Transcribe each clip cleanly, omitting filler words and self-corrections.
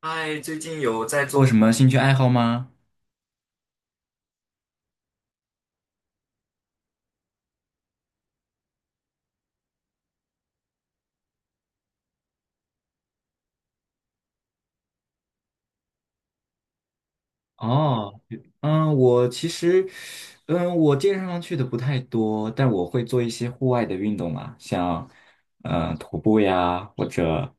嗨，最近有在做什么兴趣爱好吗？哦。我其实，我健身房去的不太多，但我会做一些户外的运动啊，像，徒步呀，或者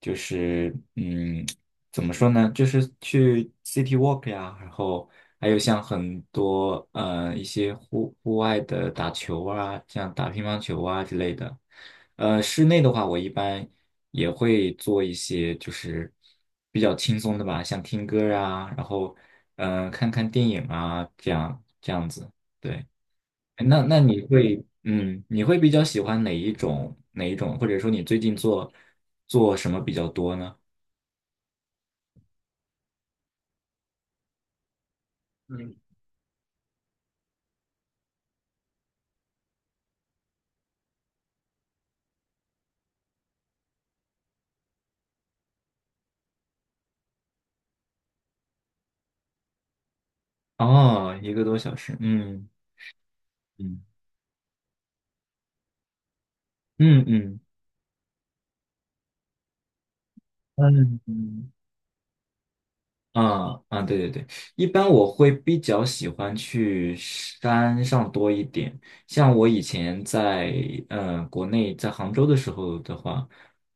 就是，嗯，怎么说呢，就是去 city walk 呀，然后还有像很多，一些户外的打球啊，像打乒乓球啊之类的。室内的话，我一般也会做一些就是比较轻松的吧，像听歌啊，然后看看电影啊，这样子。对。哎，那你会你会比较喜欢哪一种，或者说你最近做做什么比较多呢？嗯。哦，一个多小时，嗯。嗯，嗯嗯嗯嗯，啊对，一般我会比较喜欢去山上多一点。像我以前在国内在杭州的时候的话，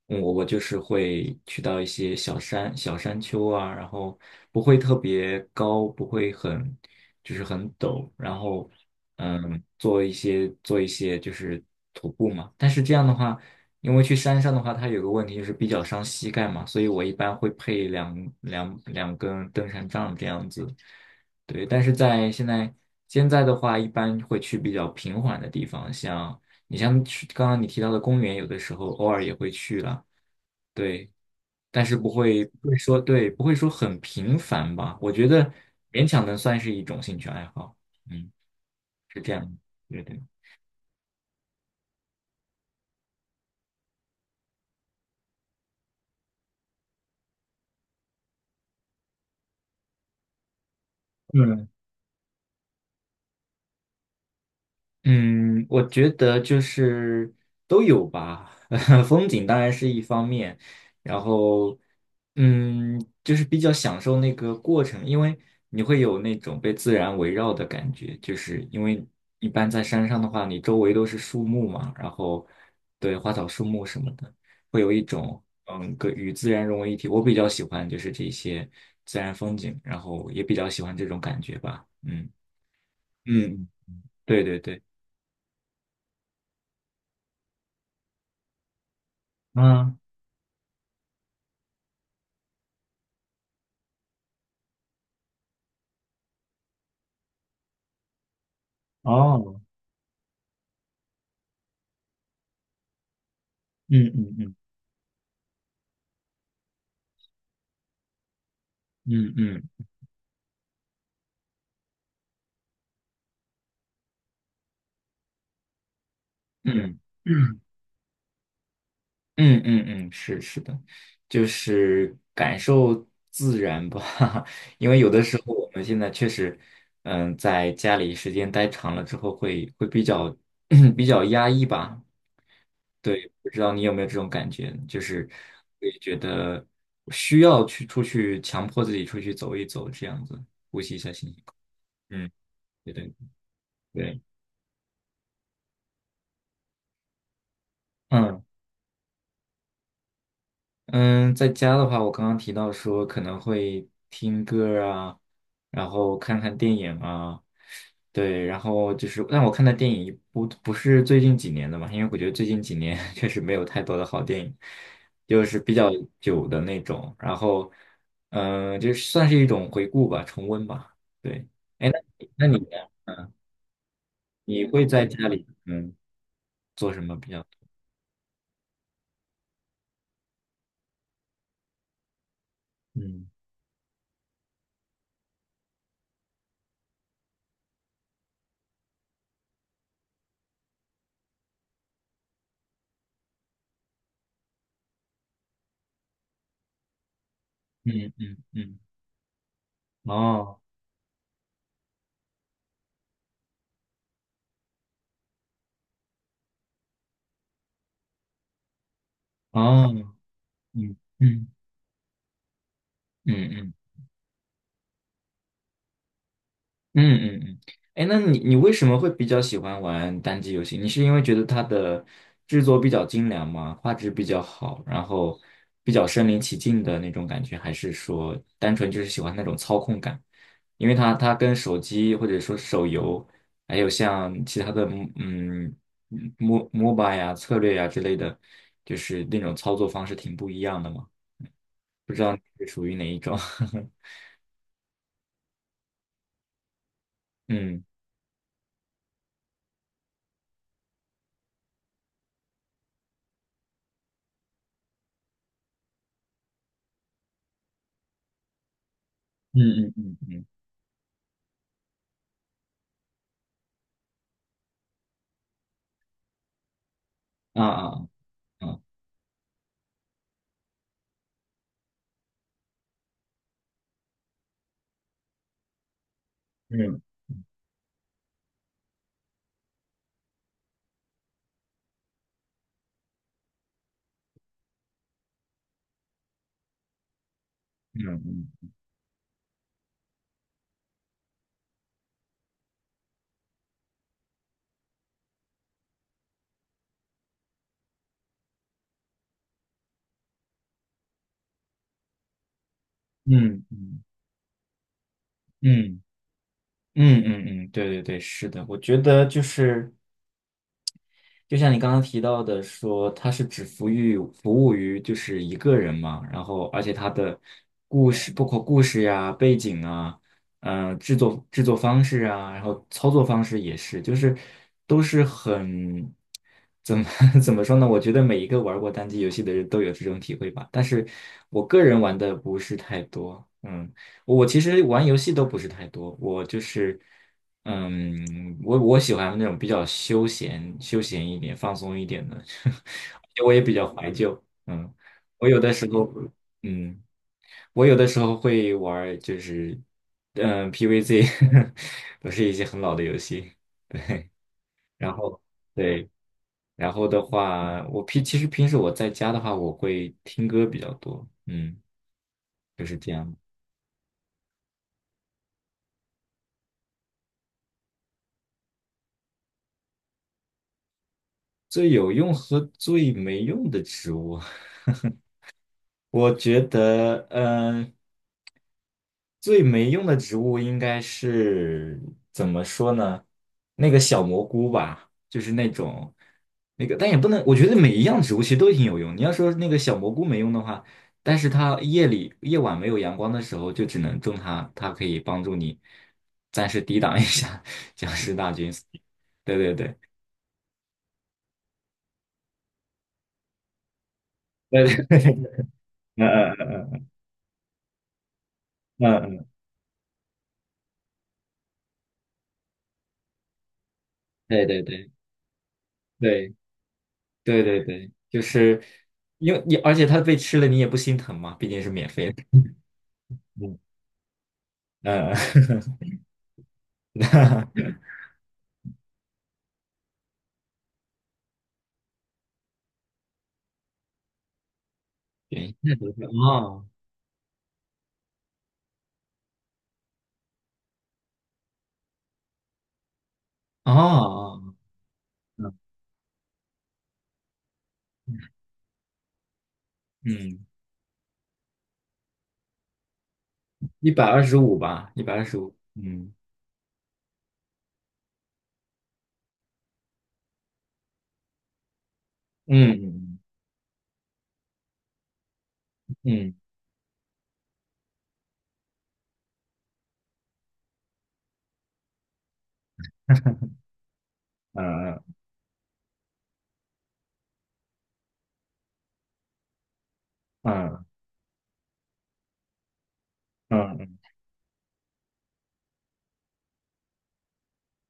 嗯，我就是会去到一些小山丘啊，然后不会特别高，不会很就是很陡，然后嗯，做一些就是徒步嘛。但是这样的话，因为去山上的话，它有个问题就是比较伤膝盖嘛，所以我一般会配两根登山杖这样子。对，但是在现在的话，一般会去比较平缓的地方，像你像去刚刚你提到的公园，有的时候偶尔也会去了，对，但是不会说很频繁吧？我觉得勉强能算是一种兴趣爱好，嗯，是这样，对。嗯。嗯，我觉得就是都有吧，风景当然是一方面，然后嗯，就是比较享受那个过程，因为你会有那种被自然围绕的感觉，就是因为一般在山上的话，你周围都是树木嘛，然后对花草树木什么的，会有一种嗯，跟与自然融为一体。我比较喜欢就是这些自然风景，然后也比较喜欢这种感觉吧，嗯。嗯，对。嗯。哦，嗯。嗯，嗯嗯嗯嗯嗯嗯，嗯是是的，就是感受自然吧，因为有的时候我们现在确实，嗯，在家里时间待长了之后会，会比较 比较压抑吧。对，不知道你有没有这种感觉，就是会觉得需要去出去，强迫自己出去走一走，这样子呼吸一下新鲜空气。嗯，对对对，嗯。嗯，在家的话，我刚刚提到说可能会听歌儿啊，然后看看电影啊，对，然后就是，但我看的电影不是最近几年的嘛，因为我觉得最近几年 确实没有太多的好电影，就是比较久的那种，然后，嗯，就算是一种回顾吧，重温吧，对。哎，那你呢？你会在家里嗯做什么比较？嗯。嗯嗯嗯，哦，哦，嗯嗯嗯嗯。嗯嗯。嗯。哎，那你为什么会比较喜欢玩单机游戏？你是因为觉得它的制作比较精良吗？画质比较好，然后比较身临其境的那种感觉，还是说单纯就是喜欢那种操控感？因为它跟手机或者说手游，还有像其他的MOBA 呀、策略呀之类的，就是那种操作方式挺不一样的嘛。不知道你是属于哪一种？嗯。嗯嗯嗯嗯啊！啊，嗯嗯嗯嗯嗯。嗯，对，是的，我觉得就是，就像你刚刚提到的说，它是只服务于就是一个人嘛，然后而且它的故事，包括故事呀、背景啊，嗯、制作方式啊，然后操作方式也是，就是都是很怎么 怎么说呢？我觉得每一个玩过单机游戏的人都有这种体会吧，但是我个人玩的不是太多，嗯，我其实玩游戏都不是太多，我就是。嗯，我喜欢那种比较休闲一点、放松一点的，而且我也比较怀旧。嗯，我有的时候，嗯，我有的时候会玩儿就是嗯，PVZ，都是一些很老的游戏。对，然后对，然后的话，我平其实平时我在家的话，我会听歌比较多。嗯，就是这样。最有用和最没用的植物。我觉得嗯、最没用的植物应该是怎么说呢？那个小蘑菇吧，就是那种那个，但也不能，我觉得每一样植物其实都挺有用。你要说那个小蘑菇没用的话，但是它夜里夜晚没有阳光的时候，就只能种它，它可以帮助你暂时抵挡一下 僵尸大军。对，对，嗯。嗯，嗯嗯嗯嗯，对对对对对，就是因为你，而且它被吃了你也不心疼嘛，毕竟是免费的。呃，那原因都是哦。哦，哦，嗯嗯，一百二十五吧，一百二十五。嗯嗯嗯嗯嗯嗯嗯。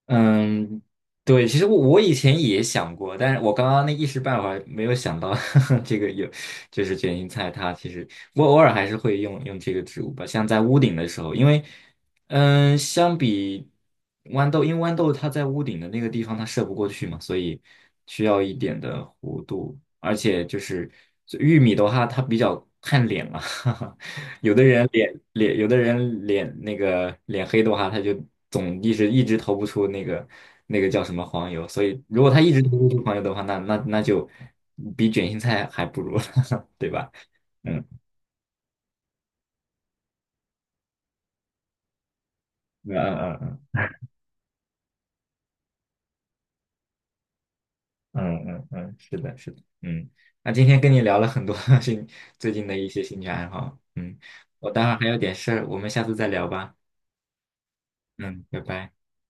嗯，对，其实我以前也想过，但是我刚刚那一时半会儿没有想到 这个有，就是卷心菜它其实我偶尔还是会用用这个植物吧，像在屋顶的时候，因为嗯，相比豌豆，因为豌豆它在屋顶的那个地方它射不过去嘛，所以需要一点的弧度，而且就是玉米的话，它比较看脸嘛，哈哈，有的人脸，有的人脸那个脸黑的话，他就总一直投不出那个那个叫什么黄油，所以如果他一直投不出黄油的话，那就比卷心菜还不如，对吧？嗯。嗯嗯嗯，嗯。嗯，是的，是的，嗯，那今天跟你聊了很多 兴最近的一些兴趣爱好，嗯，我待会儿还有点事儿，我们下次再聊吧，嗯，拜拜。